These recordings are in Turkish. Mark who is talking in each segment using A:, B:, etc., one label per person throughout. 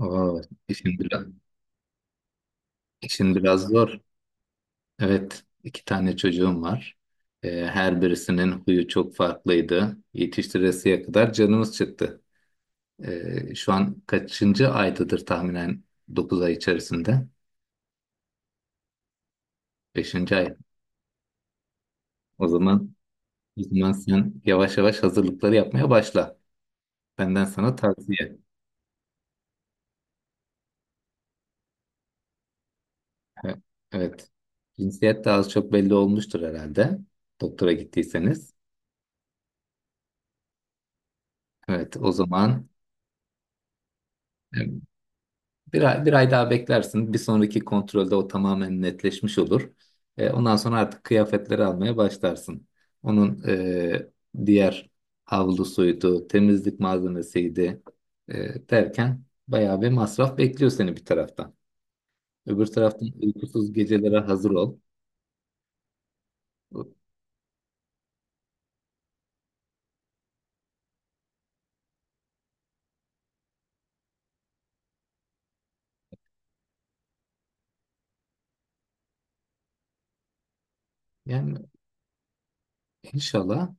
A: Oo, işin biraz, işin biraz zor. Evet, iki tane çocuğum var. Her birisinin huyu çok farklıydı. Yetiştiresiye kadar canımız çıktı. Şu an kaçıncı aydadır tahminen 9 ay içerisinde? Beşinci ay. O zaman, o zaman, sen yavaş yavaş hazırlıkları yapmaya başla. Benden sana tavsiye. Evet. Evet. Cinsiyet de az çok belli olmuştur herhalde. Doktora gittiyseniz. Evet, o zaman bir ay daha beklersin. Bir sonraki kontrolde o tamamen netleşmiş olur. Ondan sonra artık kıyafetleri almaya başlarsın. Onun diğer havlusuydu, temizlik malzemesiydi derken bayağı bir masraf bekliyor seni bir taraftan. Öbür taraftan uykusuz gecelere hazır ol. Yani inşallah.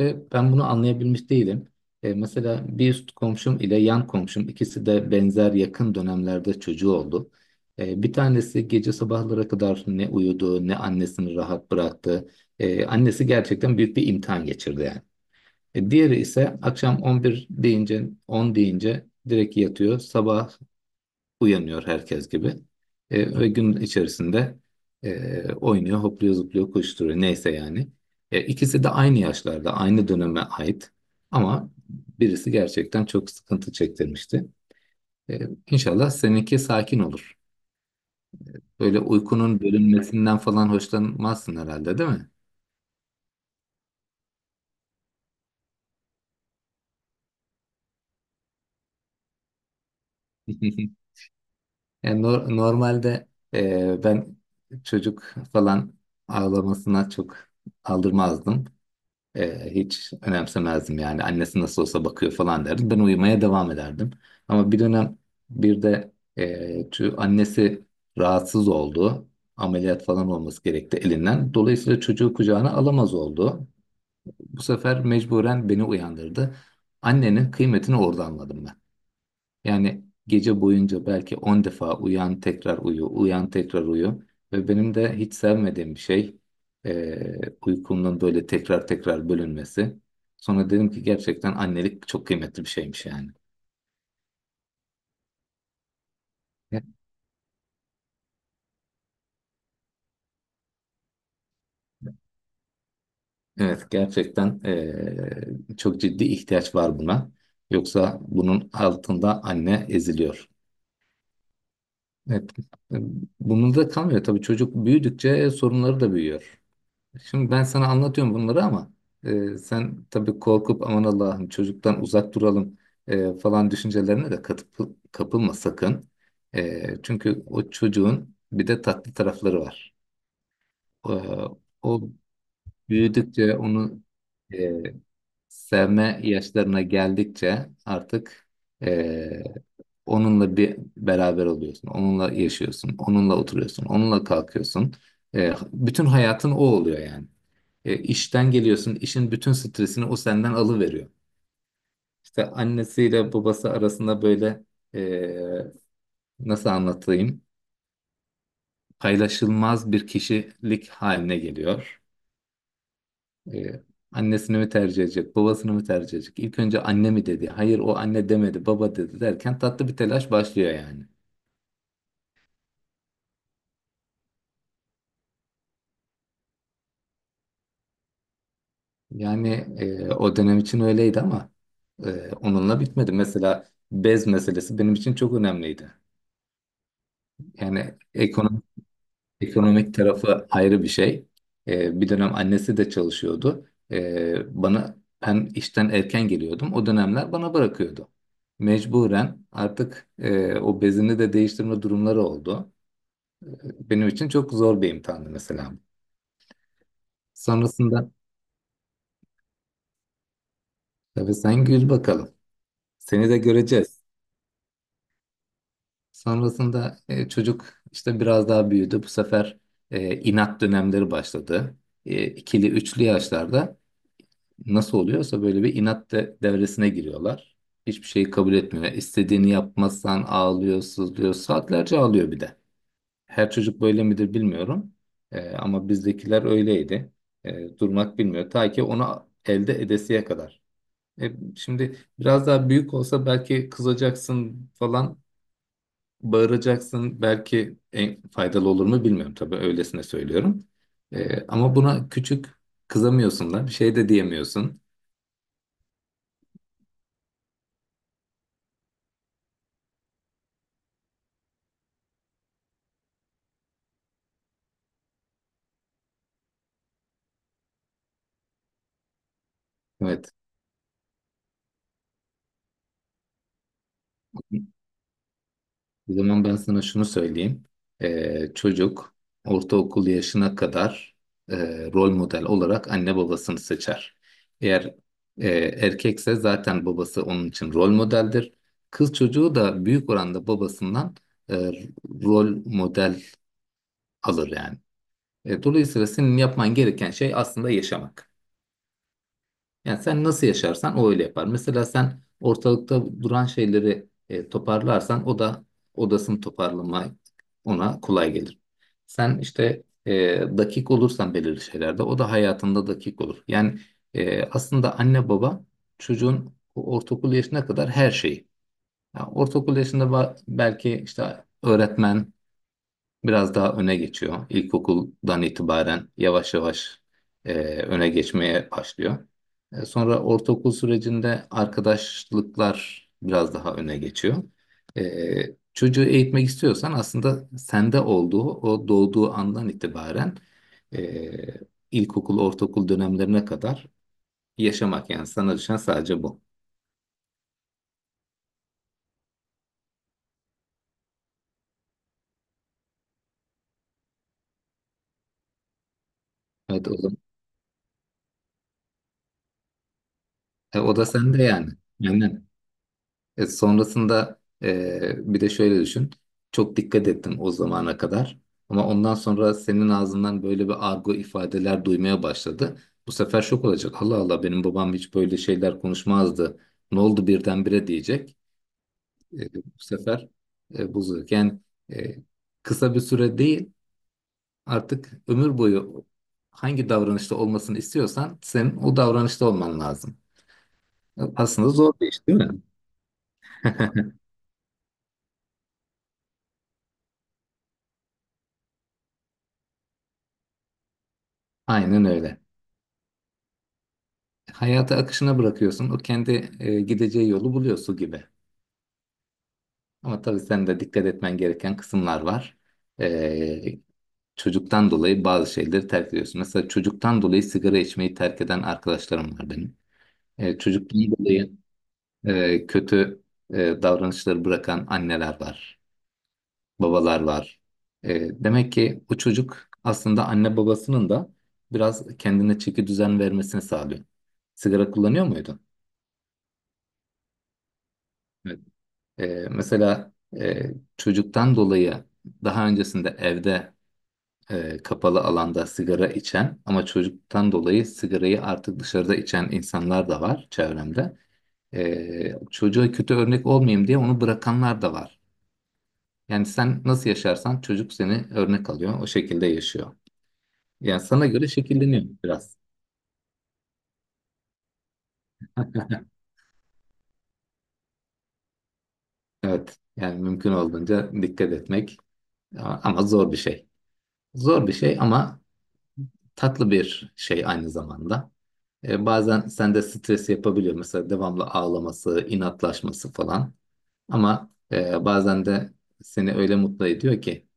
A: Ve ben bunu anlayabilmiş değilim. Mesela bir üst komşum ile yan komşum ikisi de benzer yakın dönemlerde çocuğu oldu. Bir tanesi gece sabahlara kadar ne uyudu ne annesini rahat bıraktı. Annesi gerçekten büyük bir imtihan geçirdi yani. Diğeri ise akşam 11 deyince 10 deyince direkt yatıyor. Sabah uyanıyor herkes gibi. Ve gün içerisinde oynuyor, hopluyor, zıplıyor, koşturuyor. Neyse yani. İkisi de aynı yaşlarda, aynı döneme ait. Ama birisi gerçekten çok sıkıntı çektirmişti. E, İnşallah seninki sakin olur. Böyle uykunun bölünmesinden falan hoşlanmazsın herhalde, değil mi? Yani normalde ben çocuk falan ağlamasına çok aldırmazdım. Hiç önemsemezdim yani. Annesi nasıl olsa bakıyor falan derdim. Ben uyumaya devam ederdim. Ama bir dönem bir de şu annesi rahatsız oldu. Ameliyat falan olması gerekti elinden. Dolayısıyla çocuğu kucağına alamaz oldu. Bu sefer mecburen beni uyandırdı. Annenin kıymetini orada anladım ben. Yani gece boyunca belki 10 defa uyan tekrar uyu, uyan tekrar uyu. Ve benim de hiç sevmediğim bir şey eee uykumun böyle tekrar tekrar bölünmesi. Sonra dedim ki gerçekten annelik çok kıymetli bir şeymiş yani. Evet gerçekten çok ciddi ihtiyaç var buna. Yoksa bunun altında anne eziliyor. Evet. Bunun da kalmıyor tabii çocuk büyüdükçe sorunları da büyüyor. Şimdi ben sana anlatıyorum bunları ama sen tabii korkup aman Allah'ım çocuktan uzak duralım falan düşüncelerine de katıp kapılma sakın. Çünkü o çocuğun bir de tatlı tarafları var. E, o büyüdükçe onu e, sevme yaşlarına geldikçe artık eee, onunla bir beraber oluyorsun, onunla yaşıyorsun, onunla oturuyorsun, onunla kalkıyorsun. Bütün hayatın o oluyor yani. İşten geliyorsun, işin bütün stresini o senden alıveriyor. İşte annesiyle babası arasında böyle e, nasıl anlatayım? Paylaşılmaz bir kişilik haline geliyor. Ee, annesini mi tercih edecek, babasını mı tercih edecek? İlk önce anne mi dedi? Hayır o anne demedi, baba dedi derken tatlı bir telaş başlıyor yani. Yani o dönem için öyleydi ama onunla bitmedi. Mesela bez meselesi benim için çok önemliydi. Yani ekonomik tarafı ayrı bir şey. Bir dönem annesi de çalışıyordu. E, bana ben işten erken geliyordum. O dönemler bana bırakıyordu. Mecburen artık o bezini de değiştirme durumları oldu. Benim için çok zor bir imtihandı mesela. Sonrasında tabii sen gül bakalım. Seni de göreceğiz. Sonrasında çocuk işte biraz daha büyüdü. Bu sefer inat dönemleri başladı. İkili, üçlü yaşlarda nasıl oluyorsa böyle bir inat devresine giriyorlar. Hiçbir şeyi kabul etmiyor. İstediğini yapmazsan ağlıyor, sızlıyor. Saatlerce ağlıyor bir de. Her çocuk böyle midir bilmiyorum. Ama bizdekiler öyleydi. Durmak bilmiyor. Ta ki onu elde edesiye kadar. Şimdi biraz daha büyük olsa belki kızacaksın falan, bağıracaksın. Belki en faydalı olur mu bilmiyorum tabii öylesine söylüyorum. Ama buna küçük kızamıyorsun da bir şey de diyemiyorsun. Evet. O zaman ben sana şunu söyleyeyim. Çocuk ortaokul yaşına kadar e, rol model olarak anne babasını seçer. Eğer erkekse zaten babası onun için rol modeldir. Kız çocuğu da büyük oranda babasından e, rol model alır yani. Dolayısıyla senin yapman gereken şey aslında yaşamak. Yani sen nasıl yaşarsan o öyle yapar. Mesela sen ortalıkta duran şeyleri toparlarsan o da odasını toparlama ona kolay gelir. Sen işte dakik olursan belirli şeylerde o da hayatında dakik olur. Yani aslında anne baba çocuğun ortaokul yaşına kadar her şeyi. Yani ortaokul yaşında belki işte öğretmen biraz daha öne geçiyor. İlkokuldan itibaren yavaş yavaş e, öne geçmeye başlıyor. Sonra ortaokul sürecinde arkadaşlıklar biraz daha öne geçiyor. Çocuğu eğitmek istiyorsan aslında sende olduğu, o doğduğu andan itibaren e, ilkokul, ortaokul dönemlerine kadar yaşamak yani sana düşen sadece bu. Evet o da sende yani. Aynen. Sonrasında bir de şöyle düşün. Çok dikkat ettim o zamana kadar. Ama ondan sonra senin ağzından böyle bir argo ifadeler duymaya başladı. Bu sefer şok olacak. Allah Allah benim babam hiç böyle şeyler konuşmazdı. Ne oldu birdenbire diyecek. Bu sefer bozacak. Yani e, kısa bir süre değil artık ömür boyu hangi davranışta olmasını istiyorsan senin o davranışta olman lazım. Aslında zor bir iş değil mi? Aynen öyle. Hayata akışına bırakıyorsun. O kendi gideceği yolu buluyor su gibi. Ama tabii sen de dikkat etmen gereken kısımlar var. E, çocuktan dolayı bazı şeyleri terk ediyorsun. Mesela çocuktan dolayı sigara içmeyi terk eden arkadaşlarım var benim. Çocuktan dolayı kötü e, davranışları bırakan anneler var, babalar var. Demek ki o çocuk aslında anne babasının da biraz kendine çeki düzen vermesini sağlıyor. Sigara kullanıyor muydun? Ee, mesela e, çocuktan dolayı daha öncesinde evde kapalı alanda sigara içen ama çocuktan dolayı sigarayı artık dışarıda içen insanlar da var çevremde. Çocuğa kötü örnek olmayayım diye onu bırakanlar da var. Yani sen nasıl yaşarsan çocuk seni örnek alıyor, o şekilde yaşıyor. Yani sana göre şekilleniyor biraz. Evet, yani mümkün olduğunca dikkat etmek, ama zor bir şey. Zor bir şey ama tatlı bir şey aynı zamanda. Bazen sende stres yapabiliyor. Mesela devamlı ağlaması, inatlaşması falan. Ama bazen de seni öyle mutlu ediyor ki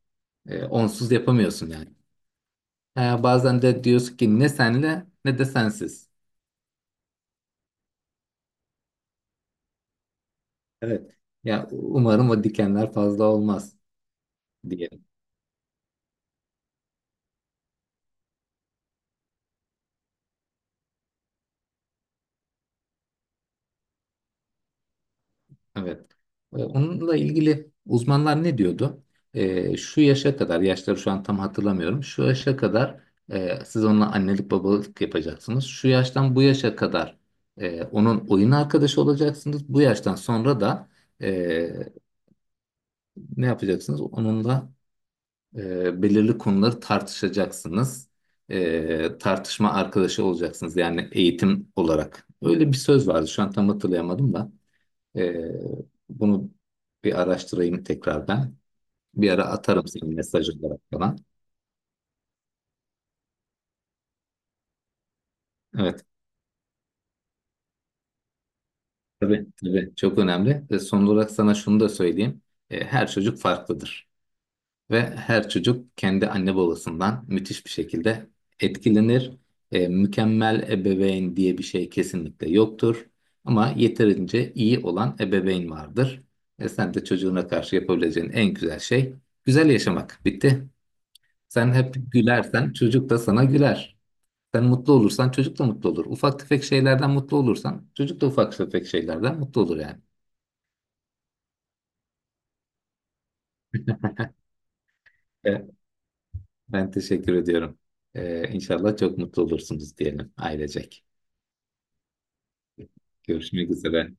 A: onsuz yapamıyorsun yani. Bazen de diyorsun ki ne senle ne de sensiz. Evet. Ya umarım o dikenler fazla olmaz diye. Evet. Onunla ilgili uzmanlar ne diyordu? Şu yaşa kadar, yaşları şu an tam hatırlamıyorum. Şu yaşa kadar siz onunla annelik babalık yapacaksınız. Şu yaştan bu yaşa kadar onun oyun arkadaşı olacaksınız. Bu yaştan sonra da e, ne yapacaksınız? Onunla belirli konuları tartışacaksınız. Tartışma arkadaşı olacaksınız. Yani eğitim olarak. Öyle bir söz vardı. Şu an tam hatırlayamadım da. Ee, bunu bir araştırayım tekrar ben. Bir ara atarım senin mesaj olarak falan. Evet, tabii tabii çok önemli. Ve son olarak sana şunu da söyleyeyim. Her çocuk farklıdır. Ve her çocuk kendi anne babasından müthiş bir şekilde etkilenir. Mükemmel ebeveyn diye bir şey kesinlikle yoktur. Ama yeterince iyi olan ebeveyn vardır. Sen de çocuğuna karşı yapabileceğin en güzel şey güzel yaşamak. Bitti. Sen hep gülersen çocuk da sana güler. Sen mutlu olursan çocuk da mutlu olur. Ufak tefek şeylerden mutlu olursan çocuk da ufak tefek şeylerden mutlu olur yani. E, Ben teşekkür ediyorum. İnşallah çok mutlu olursunuz diyelim ailecek. Görüşmek üzere.